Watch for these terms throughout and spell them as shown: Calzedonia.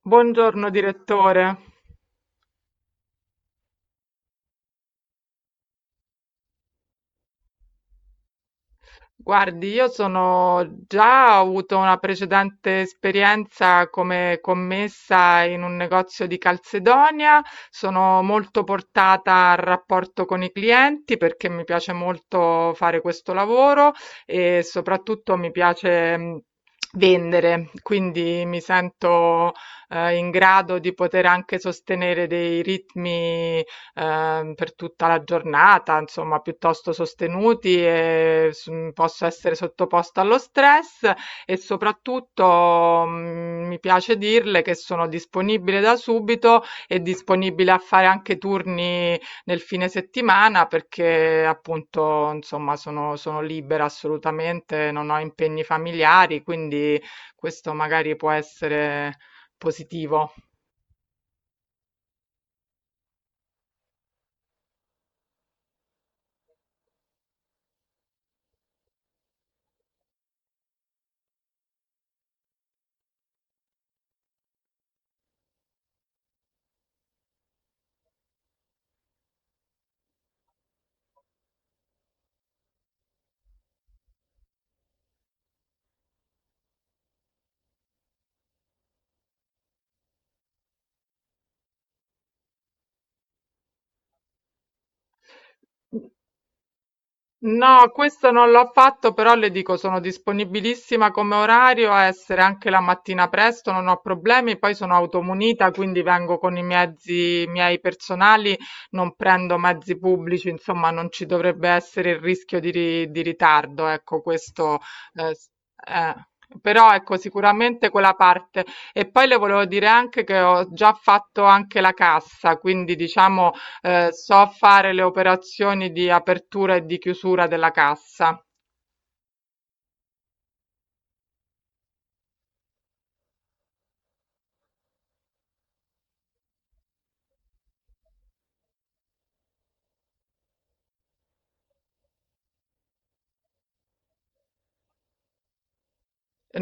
Buongiorno direttore. Guardi, io sono già ho avuto una precedente esperienza come commessa in un negozio di Calzedonia, sono molto portata al rapporto con i clienti perché mi piace molto fare questo lavoro e soprattutto mi piace vendere, quindi mi sento in grado di poter anche sostenere dei ritmi per tutta la giornata, insomma, piuttosto sostenuti e posso essere sottoposta allo stress e soprattutto, mi piace dirle che sono disponibile da subito e disponibile a fare anche turni nel fine settimana perché appunto, insomma, sono libera assolutamente, non ho impegni familiari, quindi questo magari può essere positivo. No, questo non l'ho fatto, però le dico sono disponibilissima come orario a essere anche la mattina presto, non ho problemi, poi sono automunita, quindi vengo con i mezzi miei personali, non prendo mezzi pubblici, insomma non ci dovrebbe essere il rischio di ritardo, ecco questo. eh, s- eh, Però ecco sicuramente quella parte. E poi le volevo dire anche che ho già fatto anche la cassa, quindi diciamo so fare le operazioni di apertura e di chiusura della cassa.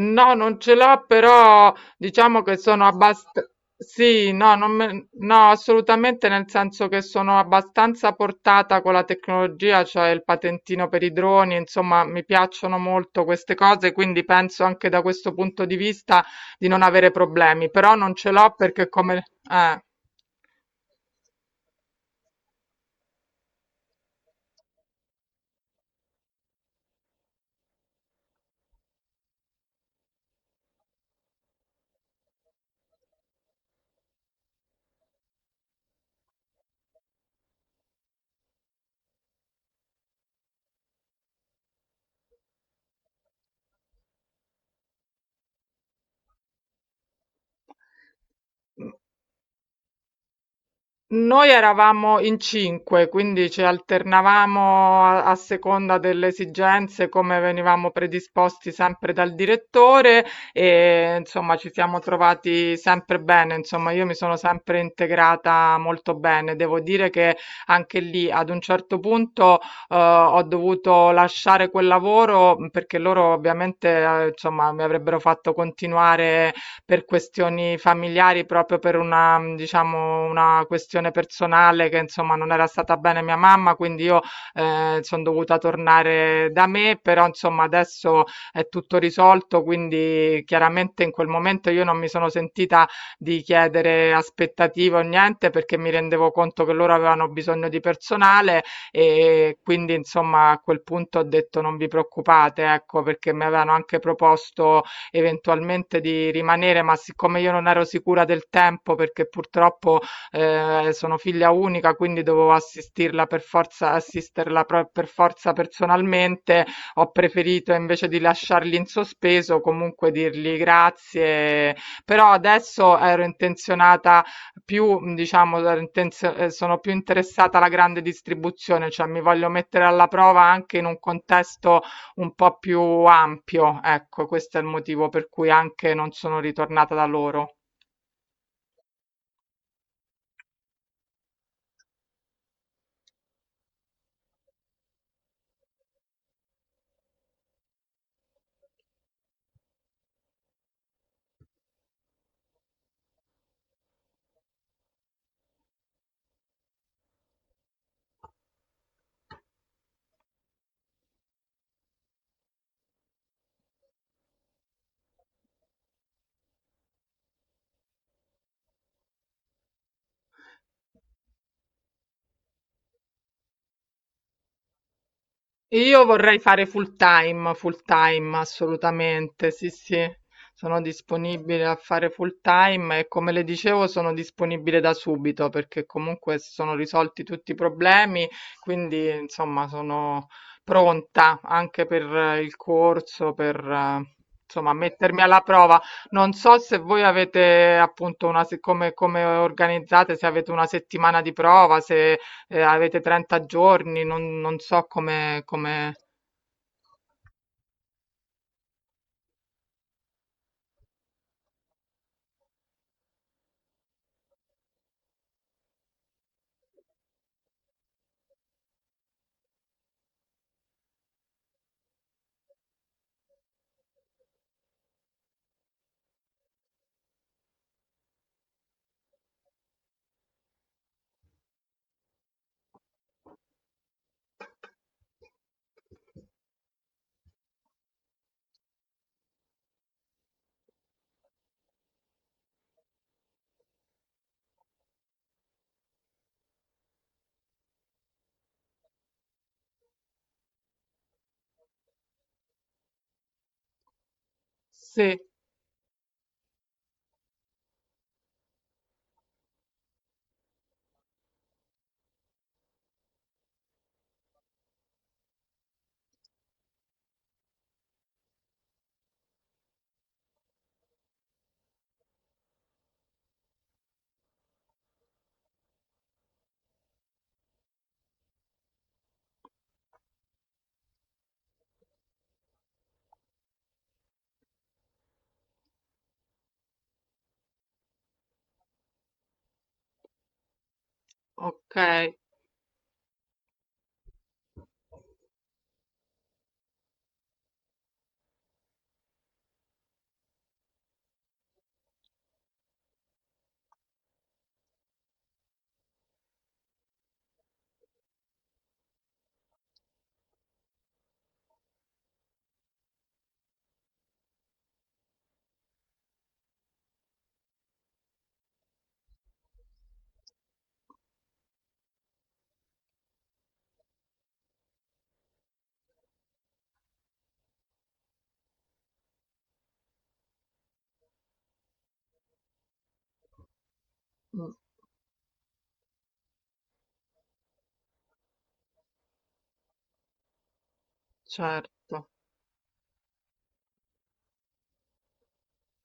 No, non ce l'ho, però diciamo che sono abbastanza... Sì, no, non me- no, assolutamente nel senso che sono abbastanza portata con la tecnologia, cioè il patentino per i droni, insomma, mi piacciono molto queste cose, quindi penso anche da questo punto di vista di non avere problemi, però non ce l'ho perché come... eh. Noi eravamo in cinque, quindi ci alternavamo a seconda delle esigenze, come venivamo predisposti sempre dal direttore e insomma ci siamo trovati sempre bene, insomma io mi sono sempre integrata molto bene. Devo dire che anche lì ad un certo punto ho dovuto lasciare quel lavoro perché loro ovviamente insomma mi avrebbero fatto continuare per questioni familiari, proprio per una diciamo, una questione personale che insomma non era stata bene mia mamma, quindi io, son dovuta tornare da me, però insomma adesso è tutto risolto, quindi chiaramente in quel momento io non mi sono sentita di chiedere aspettative o niente, perché mi rendevo conto che loro avevano bisogno di personale, e quindi insomma a quel punto ho detto: "Non vi preoccupate", ecco, perché mi avevano anche proposto eventualmente di rimanere, ma siccome io non ero sicura del tempo perché purtroppo sono figlia unica, quindi dovevo assistirla per forza, per forza personalmente, ho preferito invece di lasciarli in sospeso, comunque dirgli grazie. Però adesso ero intenzionata più, diciamo, ero intenzio- sono più interessata alla grande distribuzione, cioè mi voglio mettere alla prova anche in un contesto un po' più ampio, ecco, questo è il motivo per cui anche non sono ritornata da loro. Io vorrei fare full time assolutamente, sì, sì, sono disponibile a fare full time e come le dicevo sono disponibile da subito perché comunque si sono risolti tutti i problemi, quindi insomma sono pronta anche per il corso, per insomma mettermi alla prova. Non so se voi avete appunto una, se- come, come organizzate, se avete una settimana di prova, se avete 30 giorni, non, non so come, come... Sì, ok, mm, certo.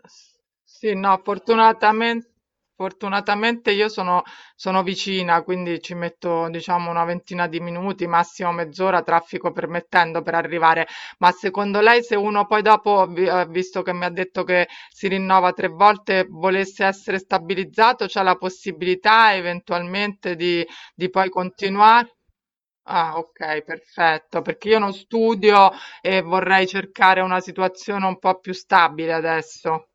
S- Sì, no, fortunatamente, fortunatamente io sono, sono vicina, quindi ci metto, diciamo, una ventina di minuti, massimo mezz'ora, traffico permettendo, per arrivare. Ma secondo lei, se uno poi dopo, visto che mi ha detto che si rinnova tre volte, volesse essere stabilizzato, c'è la possibilità eventualmente di poi continuare? Ah, ok, perfetto, perché io non studio e vorrei cercare una situazione un po' più stabile adesso.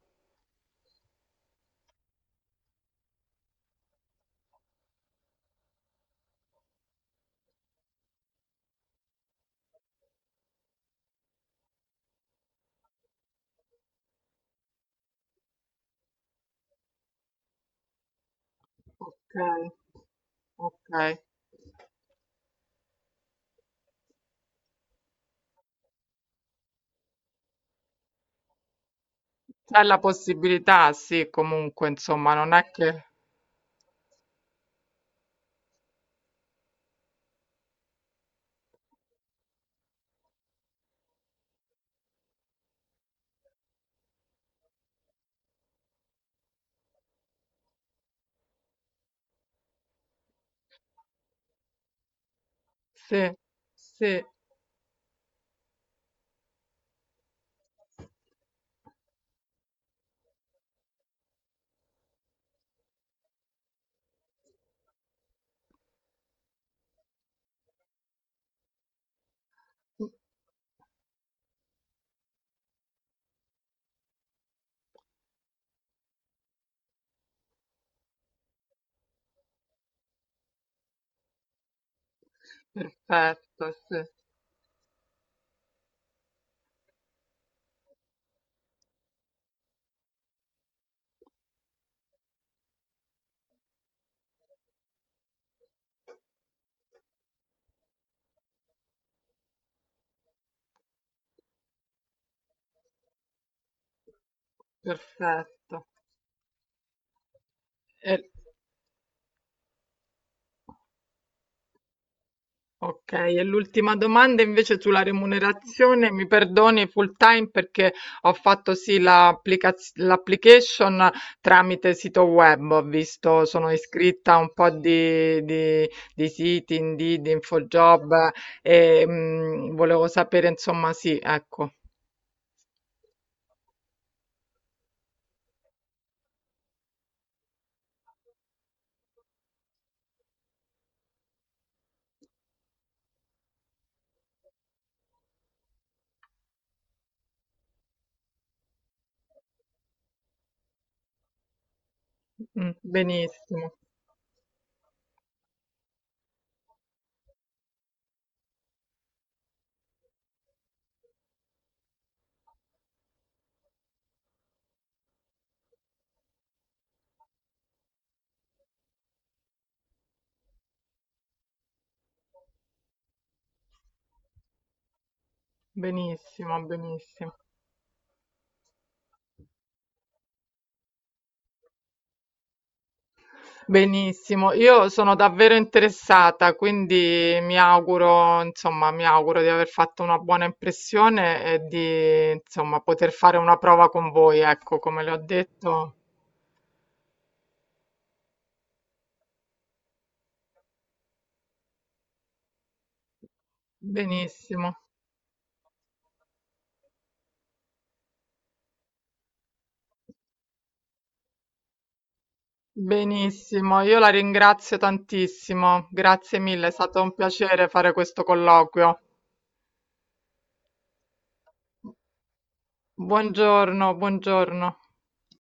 Ok, ok. C'è la possibilità, sì, comunque, insomma, non è che... Sì, sì, perfetto, sì, perfetto. E- Ok, e l'ultima domanda invece sulla remunerazione, mi perdoni full time perché ho fatto sì l'application tramite sito web, ho visto, sono iscritta a un po' di siti, Indeed, InfoJob volevo sapere insomma sì, ecco, mm, benissimo, benissimo, benissimo. Benissimo, io sono davvero interessata, quindi mi auguro, insomma, mi auguro di aver fatto una buona impressione e di, insomma, poter fare una prova con voi, ecco, come le ho detto. Benissimo, benissimo, io la ringrazio tantissimo, grazie mille, è stato un piacere fare questo colloquio. Buongiorno, buongiorno.